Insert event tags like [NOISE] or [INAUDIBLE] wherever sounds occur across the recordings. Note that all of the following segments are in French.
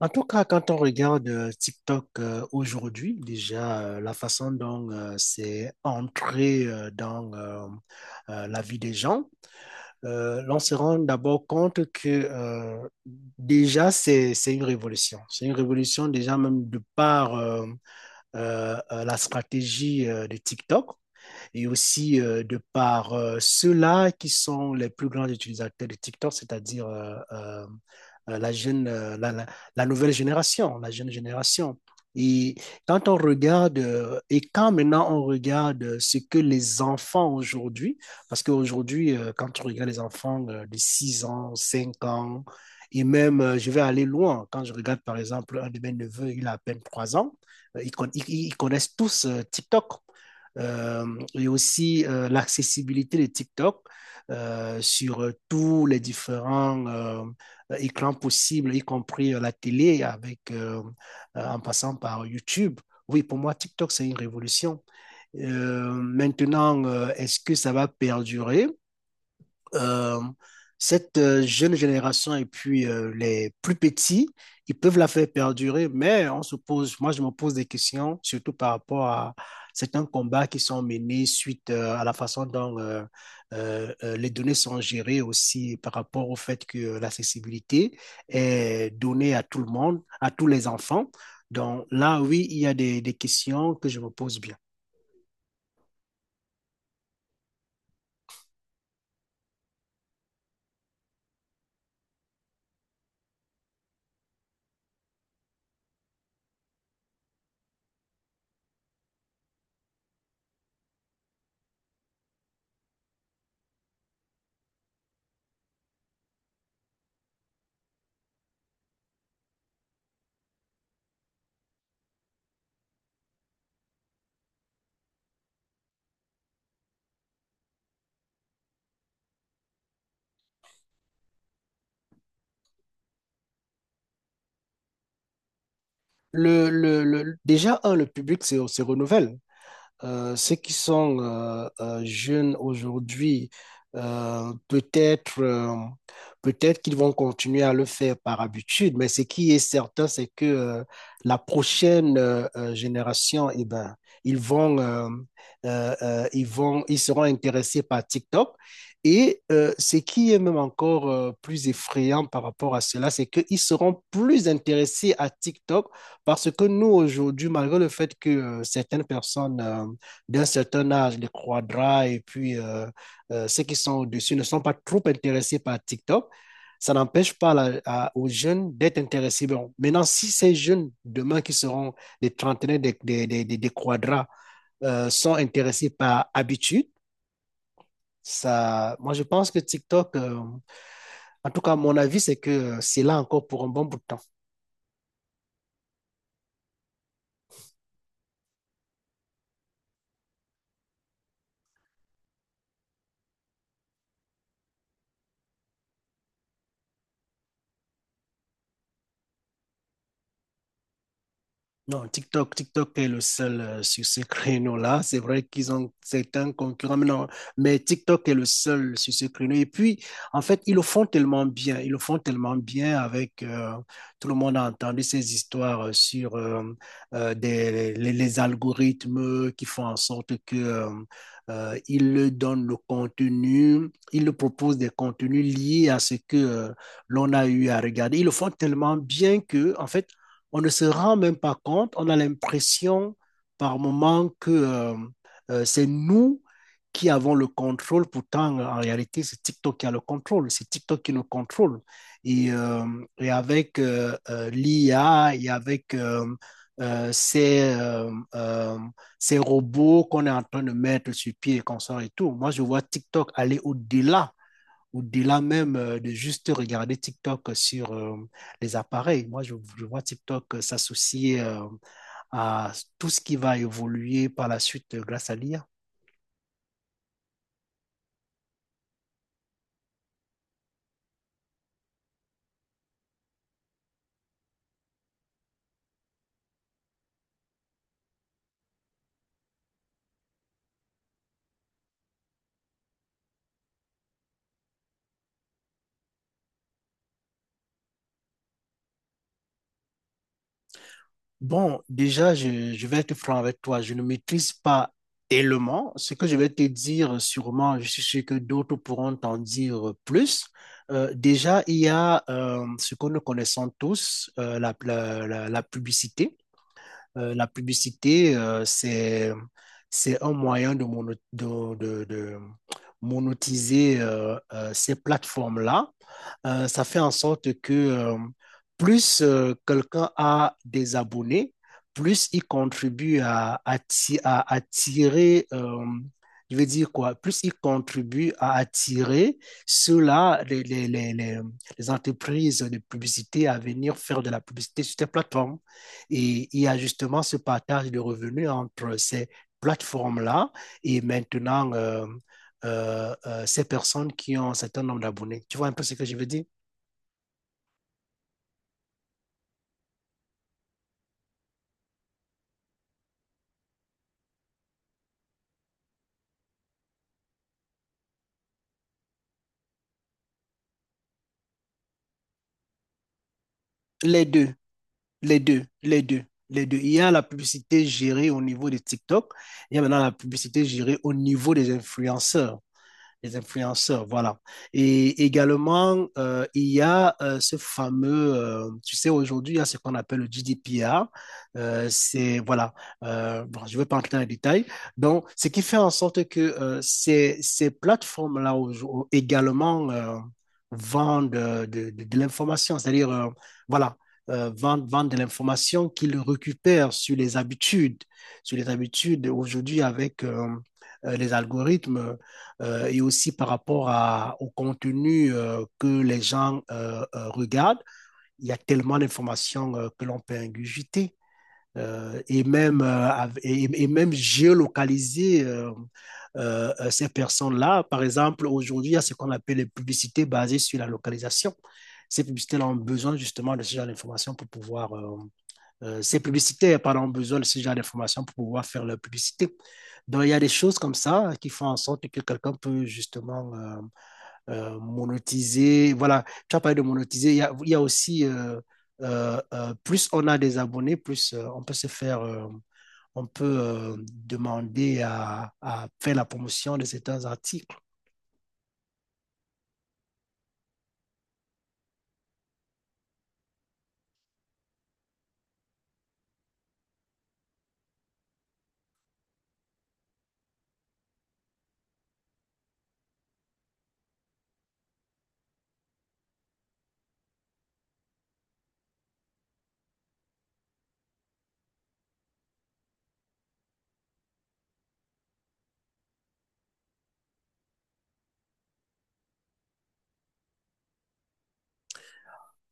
En tout cas, quand on regarde TikTok aujourd'hui, déjà la façon dont c'est entré dans la vie des gens, l'on se rend d'abord compte que déjà c'est une révolution. C'est une révolution déjà même de par la stratégie de TikTok et aussi de par ceux-là qui sont les plus grands utilisateurs de TikTok, c'est-à-dire la jeune, la nouvelle génération, la jeune génération. Et quand on regarde, et quand maintenant on regarde ce que les enfants aujourd'hui, parce qu'aujourd'hui, quand on regarde les enfants de 6 ans, 5 ans, et même, je vais aller loin, quand je regarde par exemple un de mes neveux, il a à peine 3 ans, ils connaissent tous TikTok. Et aussi l'accessibilité de TikTok sur tous les différents écrans possibles, y compris la télé, avec, en passant par YouTube. Oui, pour moi, TikTok, c'est une révolution. Maintenant, est-ce que ça va perdurer? euh, cette jeune génération et puis les plus petits, ils peuvent la faire perdurer, mais on se pose, moi je me pose des questions, surtout par rapport à certains combats qui sont menés suite à la façon dont les données sont gérées aussi par rapport au fait que l'accessibilité est donnée à tout le monde, à tous les enfants. Donc là, oui, il y a des questions que je me pose bien. Déjà, le public se renouvelle. Ceux qui sont jeunes aujourd'hui, euh, peut-être euh, peut-être qu'ils vont continuer à le faire par habitude, mais ce qui est certain, c'est que la prochaine génération, eh ben, ils vont, euh, ils vont, ils seront intéressés par TikTok. Et ce qui est même encore plus effrayant par rapport à cela, c'est qu'ils seront plus intéressés à TikTok parce que nous, aujourd'hui, malgré le fait que certaines personnes d'un certain âge, les quadras et puis ceux qui sont au-dessus ne sont pas trop intéressés par TikTok, ça n'empêche pas aux jeunes d'être intéressés. Bon, maintenant, si ces jeunes, demain, qui seront des trentenaires, des quadras, sont intéressés par habitude, ça, moi, je pense que TikTok, en tout cas, mon avis, c'est que c'est là encore pour un bon bout de temps. Non, TikTok, TikTok est le seul sur ce créneau-là. C'est vrai qu'ils ont certains concurrents, mais non, mais TikTok est le seul sur ce créneau. Et puis, en fait, ils le font tellement bien, ils le font tellement bien avec tout le monde a entendu ces histoires sur les algorithmes qui font en sorte que ils le donnent le contenu, ils le proposent des contenus liés à ce que l'on a eu à regarder. Ils le font tellement bien que, en fait, on ne se rend même pas compte, on a l'impression par moment que c'est nous qui avons le contrôle, pourtant en réalité c'est TikTok qui a le contrôle, c'est TikTok qui nous contrôle. Et, euh, et avec l'IA et avec euh, ces, euh, euh, ces robots qu'on est en train de mettre sur pied et qu'on sort et tout, moi je vois TikTok aller au-delà même de juste regarder TikTok sur les appareils. Moi, je vois TikTok s'associer à tout ce qui va évoluer par la suite grâce à l'IA. Bon, déjà, je vais être franc avec toi. Je ne maîtrise pas tellement. Ce que je vais te dire, sûrement, je suis sûr que d'autres pourront t'en dire plus. Déjà, il y a ce que nous connaissons tous, la publicité. La publicité, c'est un moyen de, mono- de monétiser ces plateformes-là ça fait en sorte que plus quelqu'un a des abonnés, plus il contribue à attirer, je veux dire quoi, plus il contribue à attirer ceux-là, les entreprises de publicité à venir faire de la publicité sur ces plateformes. Et il y a justement ce partage de revenus entre ces plateformes-là et maintenant ces personnes qui ont un certain nombre d'abonnés. Tu vois un peu ce que je veux dire? Les deux, les deux, les deux, les deux. Il y a la publicité gérée au niveau de TikTok, il y a maintenant la publicité gérée au niveau des influenceurs. Les influenceurs, voilà. Et également, il y a ce fameux, tu sais, aujourd'hui, il y a ce qu'on appelle le GDPR. C'est, voilà, bon, je ne vais pas entrer dans les détails. Donc, ce qui fait en sorte que ces plateformes-là également vendent de l'information, c'est-à-dire, voilà, vendent de l'information qu'ils récupèrent sur les habitudes aujourd'hui avec les algorithmes et aussi par rapport à, au contenu que les gens regardent. Il y a tellement d'informations que l'on peut ingurgiter et, même, même géolocaliser. Ces personnes-là, par exemple, aujourd'hui, il y a ce qu'on appelle les publicités basées sur la localisation. Ces publicités-là ont besoin justement de ce genre d'informations pour pouvoir ces publicitaires, pardon, ont besoin de ce genre d'informations pour pouvoir faire leur publicité. Donc, il y a des choses comme ça qui font en sorte que quelqu'un peut justement monétiser. Voilà, tu as parlé de monétiser. Il y a aussi, plus on a des abonnés, plus on peut se faire, on peut demander à faire la promotion de certains articles.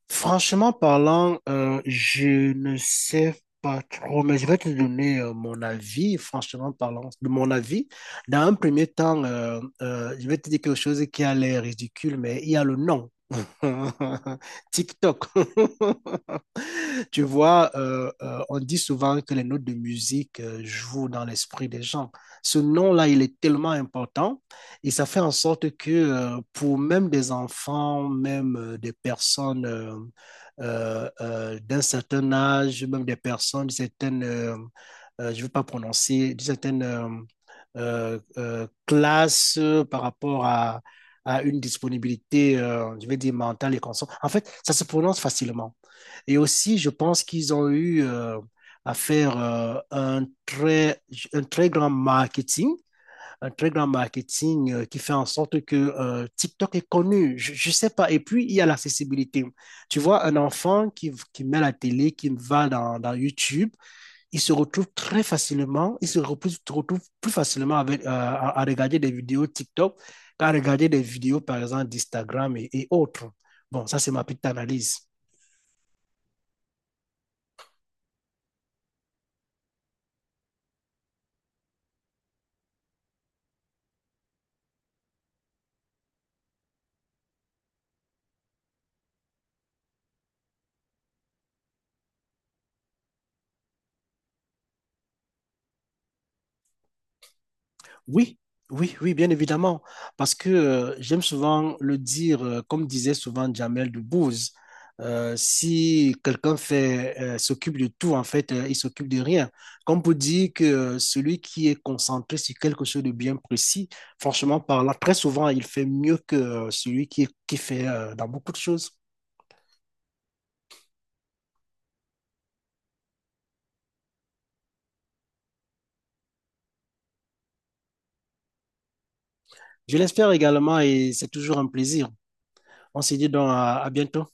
Franchement parlant, je ne sais pas trop, mais je vais te donner mon avis, franchement parlant, de mon avis. Dans un premier temps, je vais te dire quelque chose qui a l'air ridicule, mais il y a le nom. [LAUGHS] TikTok. [LAUGHS] Tu vois, on dit souvent que les notes de musique jouent dans l'esprit des gens. Ce nom-là, il est tellement important. Et ça fait en sorte que pour même des enfants, même des personnes d'un certain âge, même des personnes, d'une certaine, je ne veux pas prononcer, d'une certaine classe par rapport à une disponibilité, je vais dire mentale et consciente. En fait, ça se prononce facilement. Et aussi, je pense qu'ils ont eu à faire un très grand marketing qui fait en sorte que TikTok est connu. Je ne sais pas. Et puis, il y a l'accessibilité. Tu vois, un enfant qui met la télé, qui va dans YouTube, il se retrouve très facilement, il se retrouve plus facilement avec, à, regarder des vidéos TikTok qu'à regarder des vidéos, par exemple, d'Instagram et autres. Bon, ça, c'est ma petite analyse. Oui, oui, oui, bien évidemment. Parce que j'aime souvent le dire, comme disait souvent Jamel Debbouze, si quelqu'un fait, s'occupe de tout, en fait, il s'occupe de rien. Comme pour dire que celui qui est concentré sur quelque chose de bien précis, franchement parlant, très souvent, il fait mieux que celui qui fait dans beaucoup de choses. Je l'espère également et c'est toujours un plaisir. On se dit donc à bientôt.